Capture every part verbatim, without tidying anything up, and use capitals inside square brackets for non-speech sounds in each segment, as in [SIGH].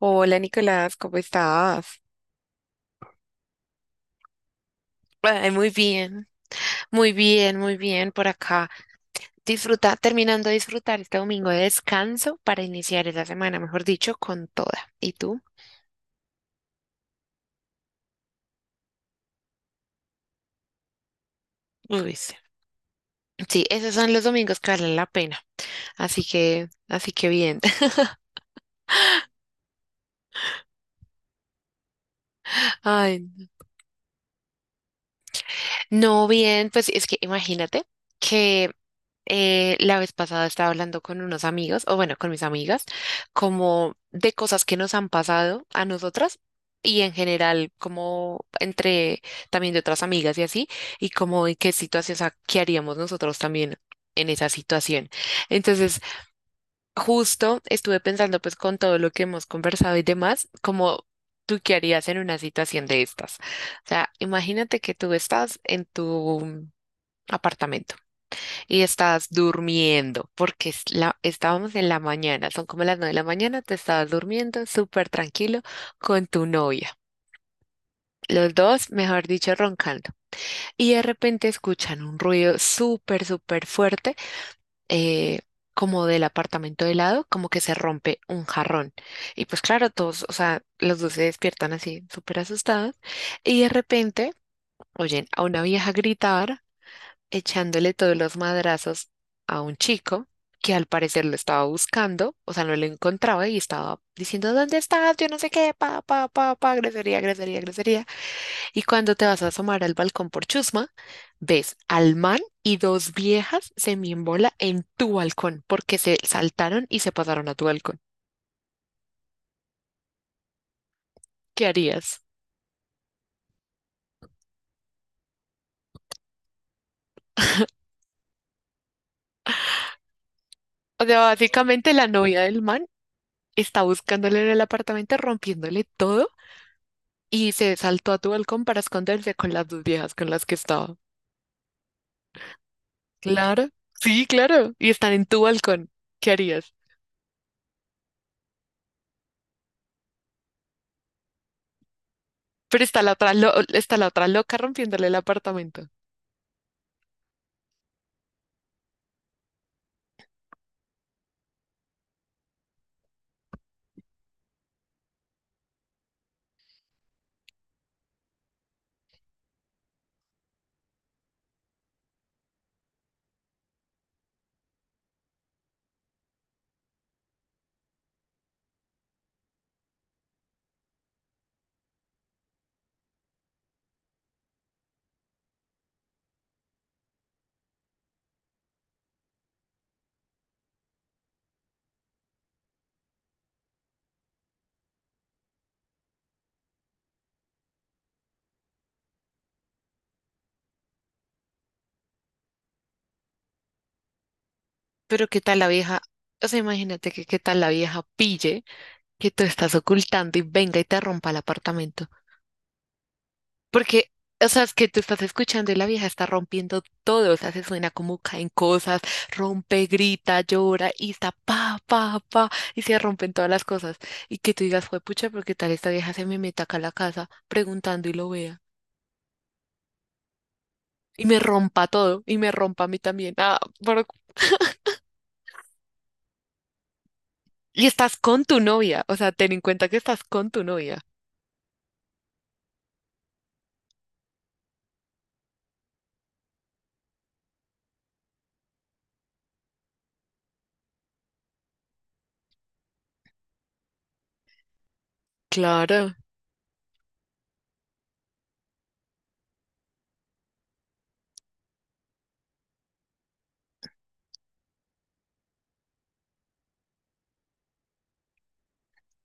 Hola Nicolás, ¿cómo estás? Ay, muy bien, muy bien, muy bien por acá. Disfruta, terminando de disfrutar este domingo de descanso para iniciar esa semana, mejor dicho, con toda. ¿Y tú? Uy, sí, Sí, esos son los domingos que valen la pena. Así que, así que bien. [LAUGHS] Ay, No bien, pues es que imagínate que eh, la vez pasada estaba hablando con unos amigos, o bueno, con mis amigas, como de cosas que nos han pasado a nosotras y en general, como entre también de otras amigas y así, y como en qué situación, o sea, qué haríamos nosotros también en esa situación. Entonces, justo estuve pensando pues con todo lo que hemos conversado y demás, como tú qué harías en una situación de estas. O sea, imagínate que tú estás en tu apartamento y estabas durmiendo, porque es la- estábamos en la mañana, son como las nueve de la mañana, te estabas durmiendo súper tranquilo con tu novia. Los dos, mejor dicho, roncando. Y de repente escuchan un ruido súper, súper fuerte, eh, como del apartamento de lado, como que se rompe un jarrón. Y pues claro, todos, o sea, los dos se despiertan así, súper asustados. Y de repente oyen a una vieja gritar echándole todos los madrazos a un chico que al parecer lo estaba buscando, o sea, no lo encontraba y estaba diciendo, ¿dónde estás? Yo no sé qué, pa, pa, pa, pa, grosería, grosería, grosería. Y cuando te vas a asomar al balcón por chusma, ves al man y dos viejas se en tu balcón porque se saltaron y se pasaron a tu balcón. ¿Qué harías? O sea, básicamente la novia del man está buscándole en el apartamento, rompiéndole todo y se saltó a tu balcón para esconderse con las dos viejas con las que estaba. Claro, sí, claro. Y están en tu balcón. ¿Qué harías? Pero está la otra, lo- está la otra loca rompiéndole el apartamento. Pero qué tal la vieja, o sea, imagínate que qué tal la vieja pille que tú estás ocultando y venga y te rompa el apartamento. Porque, o sea, es que tú estás escuchando y la vieja está rompiendo todo, o sea, se suena como caen cosas, rompe, grita, llora y está pa, pa, pa, y se rompen todas las cosas. Y que tú digas, fue pucha, porque tal esta vieja se me meta acá a la casa preguntando y lo vea, y me rompa todo, y me rompa a mí también. Ah, pero- Y estás con tu novia, o sea, ten en cuenta que estás con tu novia. Claro,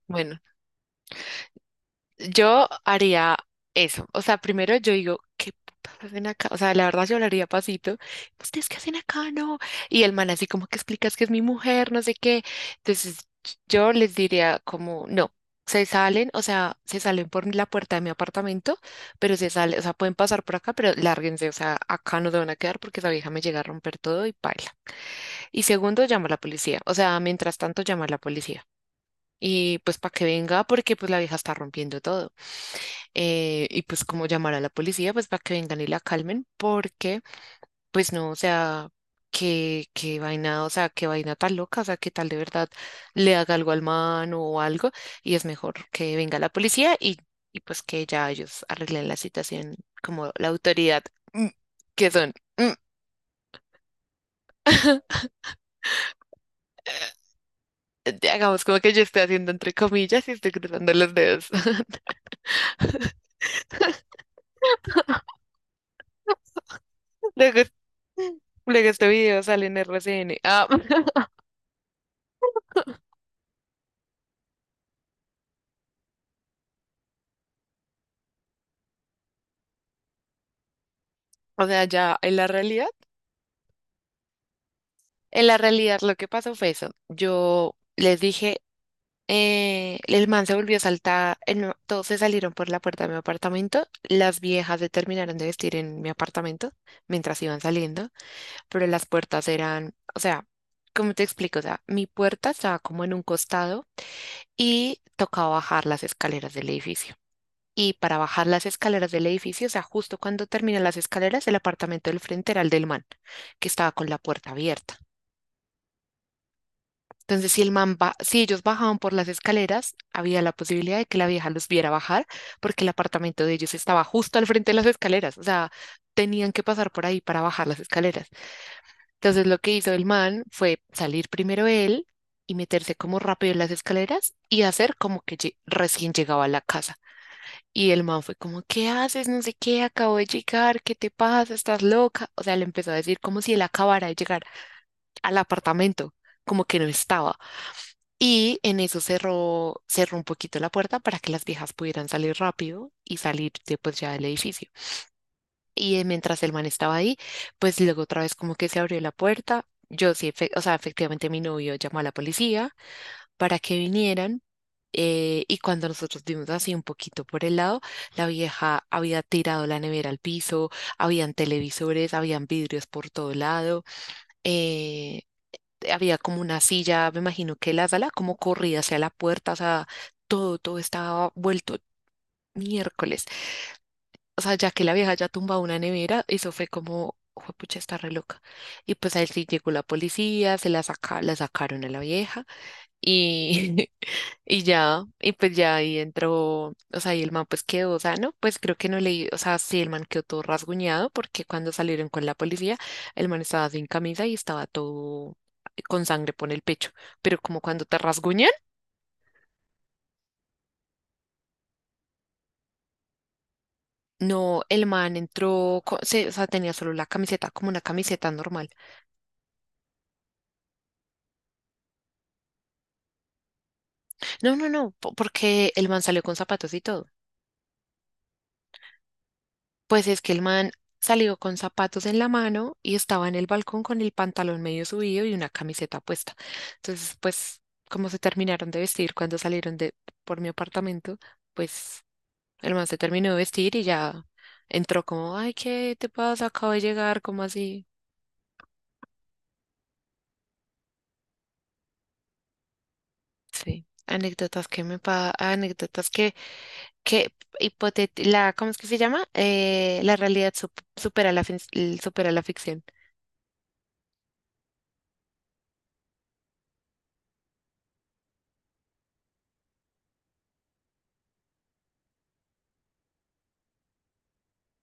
bueno. Yo haría eso. O sea, primero yo digo, ¿qué putas hacen acá? O sea, la verdad yo hablaría pasito. ¿Ustedes qué hacen acá? No. Y el man así como que explicas que es mi mujer, no sé qué. Entonces yo les diría como, no, se salen, o sea, se salen por la puerta de mi apartamento, pero se salen, o sea, pueden pasar por acá, pero lárguense. O sea, acá no se van a quedar porque esa vieja me llega a romper todo y paila. Y segundo, llama a la policía. O sea, mientras tanto, llama a la policía. Y pues para que venga, porque pues la vieja está rompiendo todo eh, y pues como llamar a la policía pues para que vengan y la calmen porque pues no, o sea, qué, qué vaina, o sea, qué vaina tan loca, o sea, qué tal de verdad le haga algo al man o algo y es mejor que venga la policía y, y pues que ya ellos arreglen la situación como la autoridad mm, que son. Mm. [LAUGHS] Hagamos como que yo estoy haciendo entre comillas y estoy cruzando los dedos. [LAUGHS] Luego, luego este video sale en R C N. Ah, [LAUGHS] o sea, ya en la realidad. En la realidad lo que pasó fue eso. Yo les dije, eh, el man se volvió a saltar, eh, no, todos se salieron por la puerta de mi apartamento, las viejas se terminaron de vestir en mi apartamento mientras iban saliendo, pero las puertas eran, o sea, ¿cómo te explico? O sea, mi puerta estaba como en un costado y tocaba bajar las escaleras del edificio. Y para bajar las escaleras del edificio, o sea, justo cuando terminan las escaleras, el apartamento del frente era el del man, que estaba con la puerta abierta. Entonces, si el man ba- si ellos bajaban por las escaleras, había la posibilidad de que la vieja los viera bajar, porque el apartamento de ellos estaba justo al frente de las escaleras, o sea, tenían que pasar por ahí para bajar las escaleras. Entonces, lo que hizo el man fue salir primero él y meterse como rápido en las escaleras y hacer como que lle- recién llegaba a la casa. Y el man fue como, ¿qué haces? No sé qué, acabo de llegar, ¿qué te pasa? ¿Estás loca? O sea, le empezó a decir como si él acabara de llegar al apartamento, como que no estaba. Y en eso cerró, cerró un poquito la puerta para que las viejas pudieran salir rápido y salir de, pues, ya del edificio. Y eh, mientras el man estaba ahí, pues luego otra vez como que se abrió la puerta. Yo sí, efe- o sea, efectivamente mi novio llamó a la policía para que vinieran. Eh, y cuando nosotros dimos así un poquito por el lado, la vieja había tirado la nevera al piso, habían televisores, habían vidrios por todo lado. eh, Había como una silla, me imagino que la sala como corrida hacia la puerta, o sea, todo, todo estaba vuelto miércoles. O sea, ya que la vieja ya tumbado una nevera, eso fue como, pucha, está re loca. Y pues ahí sí llegó la policía, se la saca, la sacaron a la vieja. Y, [LAUGHS] y ya, y pues ya ahí entró, o sea, y el man pues quedó, o sea, no, pues creo que no leí, o sea, sí, el man quedó todo rasguñado porque cuando salieron con la policía, el man estaba sin camisa y estaba todo con sangre por el pecho, pero como cuando te rasguñan, no, el man entró, co- se- o sea, tenía solo la camiseta, como una camiseta normal. No, no, no, po- porque el man salió con zapatos y todo. Pues es que el man salió con zapatos en la mano y estaba en el balcón con el pantalón medio subido y una camiseta puesta. Entonces, pues, como se terminaron de vestir cuando salieron de por mi apartamento, pues el man se terminó de vestir y ya entró como, ay, ¿qué te pasa? Acabo de llegar, ¿cómo así? Sí. Anécdotas que me pa, anécdotas que, que hipotet- la, ¿cómo es que se llama? Eh, la realidad sup- supera la, fin- supera la ficción.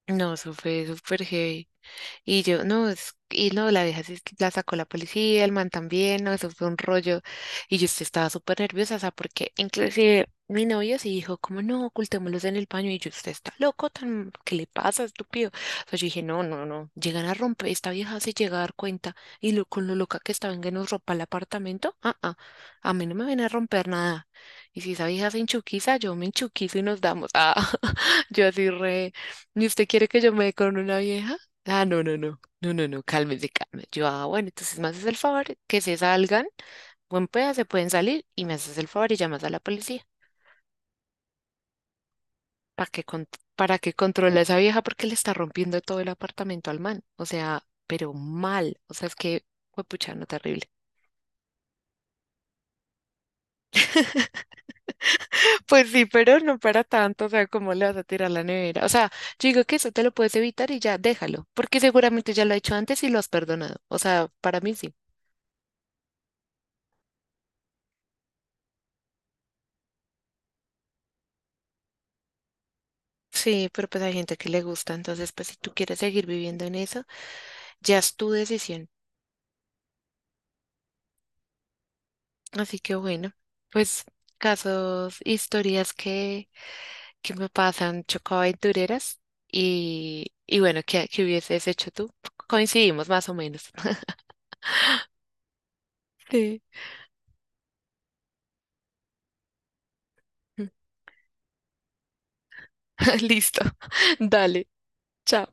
No, eso fue súper heavy. Y yo, no, es- y no, la vieja sí la sacó la policía, el man también, no, eso fue un rollo. Y yo sí estaba súper nerviosa, o sea, porque inclusive mi novio sí dijo, como no, ocultémoslos en el baño. Y yo, usted está loco, tan, ¿qué le pasa, estúpido? O sea, yo dije, no, no, no, llegan a romper, esta vieja se llega a dar cuenta. Y lo, con lo loca que estaba en que nos ropa el apartamento, ah, ah, a mí no me viene a romper nada. Y si esa vieja se enchuquiza, yo me enchuquizo y nos damos. Ah, [LAUGHS] yo así re, ¿y usted quiere que yo me dé con una vieja? Ah, no, no, no, no, no, no, cálmese, cálmese. Yo, ah, bueno, entonces me haces el favor que se salgan, buen pedazo, se pueden salir y me haces el favor y llamas a la policía para que, con- para que controle a esa vieja porque le está rompiendo todo el apartamento al man. O sea, pero mal, o sea, es que fue puchano terrible. [LAUGHS] Pues sí, pero no para tanto, o sea, ¿cómo le vas a tirar la nevera? O sea, yo digo que eso te lo puedes evitar y ya déjalo, porque seguramente ya lo ha hecho antes y lo has perdonado. O sea, para mí sí. Sí, pero pues hay gente que le gusta, entonces pues si tú quieres seguir viviendo en eso, ya es tu decisión. Así que bueno, pues casos, historias que, que me pasan chocoaventureras y, y bueno, ¿qué, qué hubieses hecho tú? Coincidimos más o menos. [LAUGHS] Sí. [LAUGHS] Listo. [LAUGHS] Dale. Chao.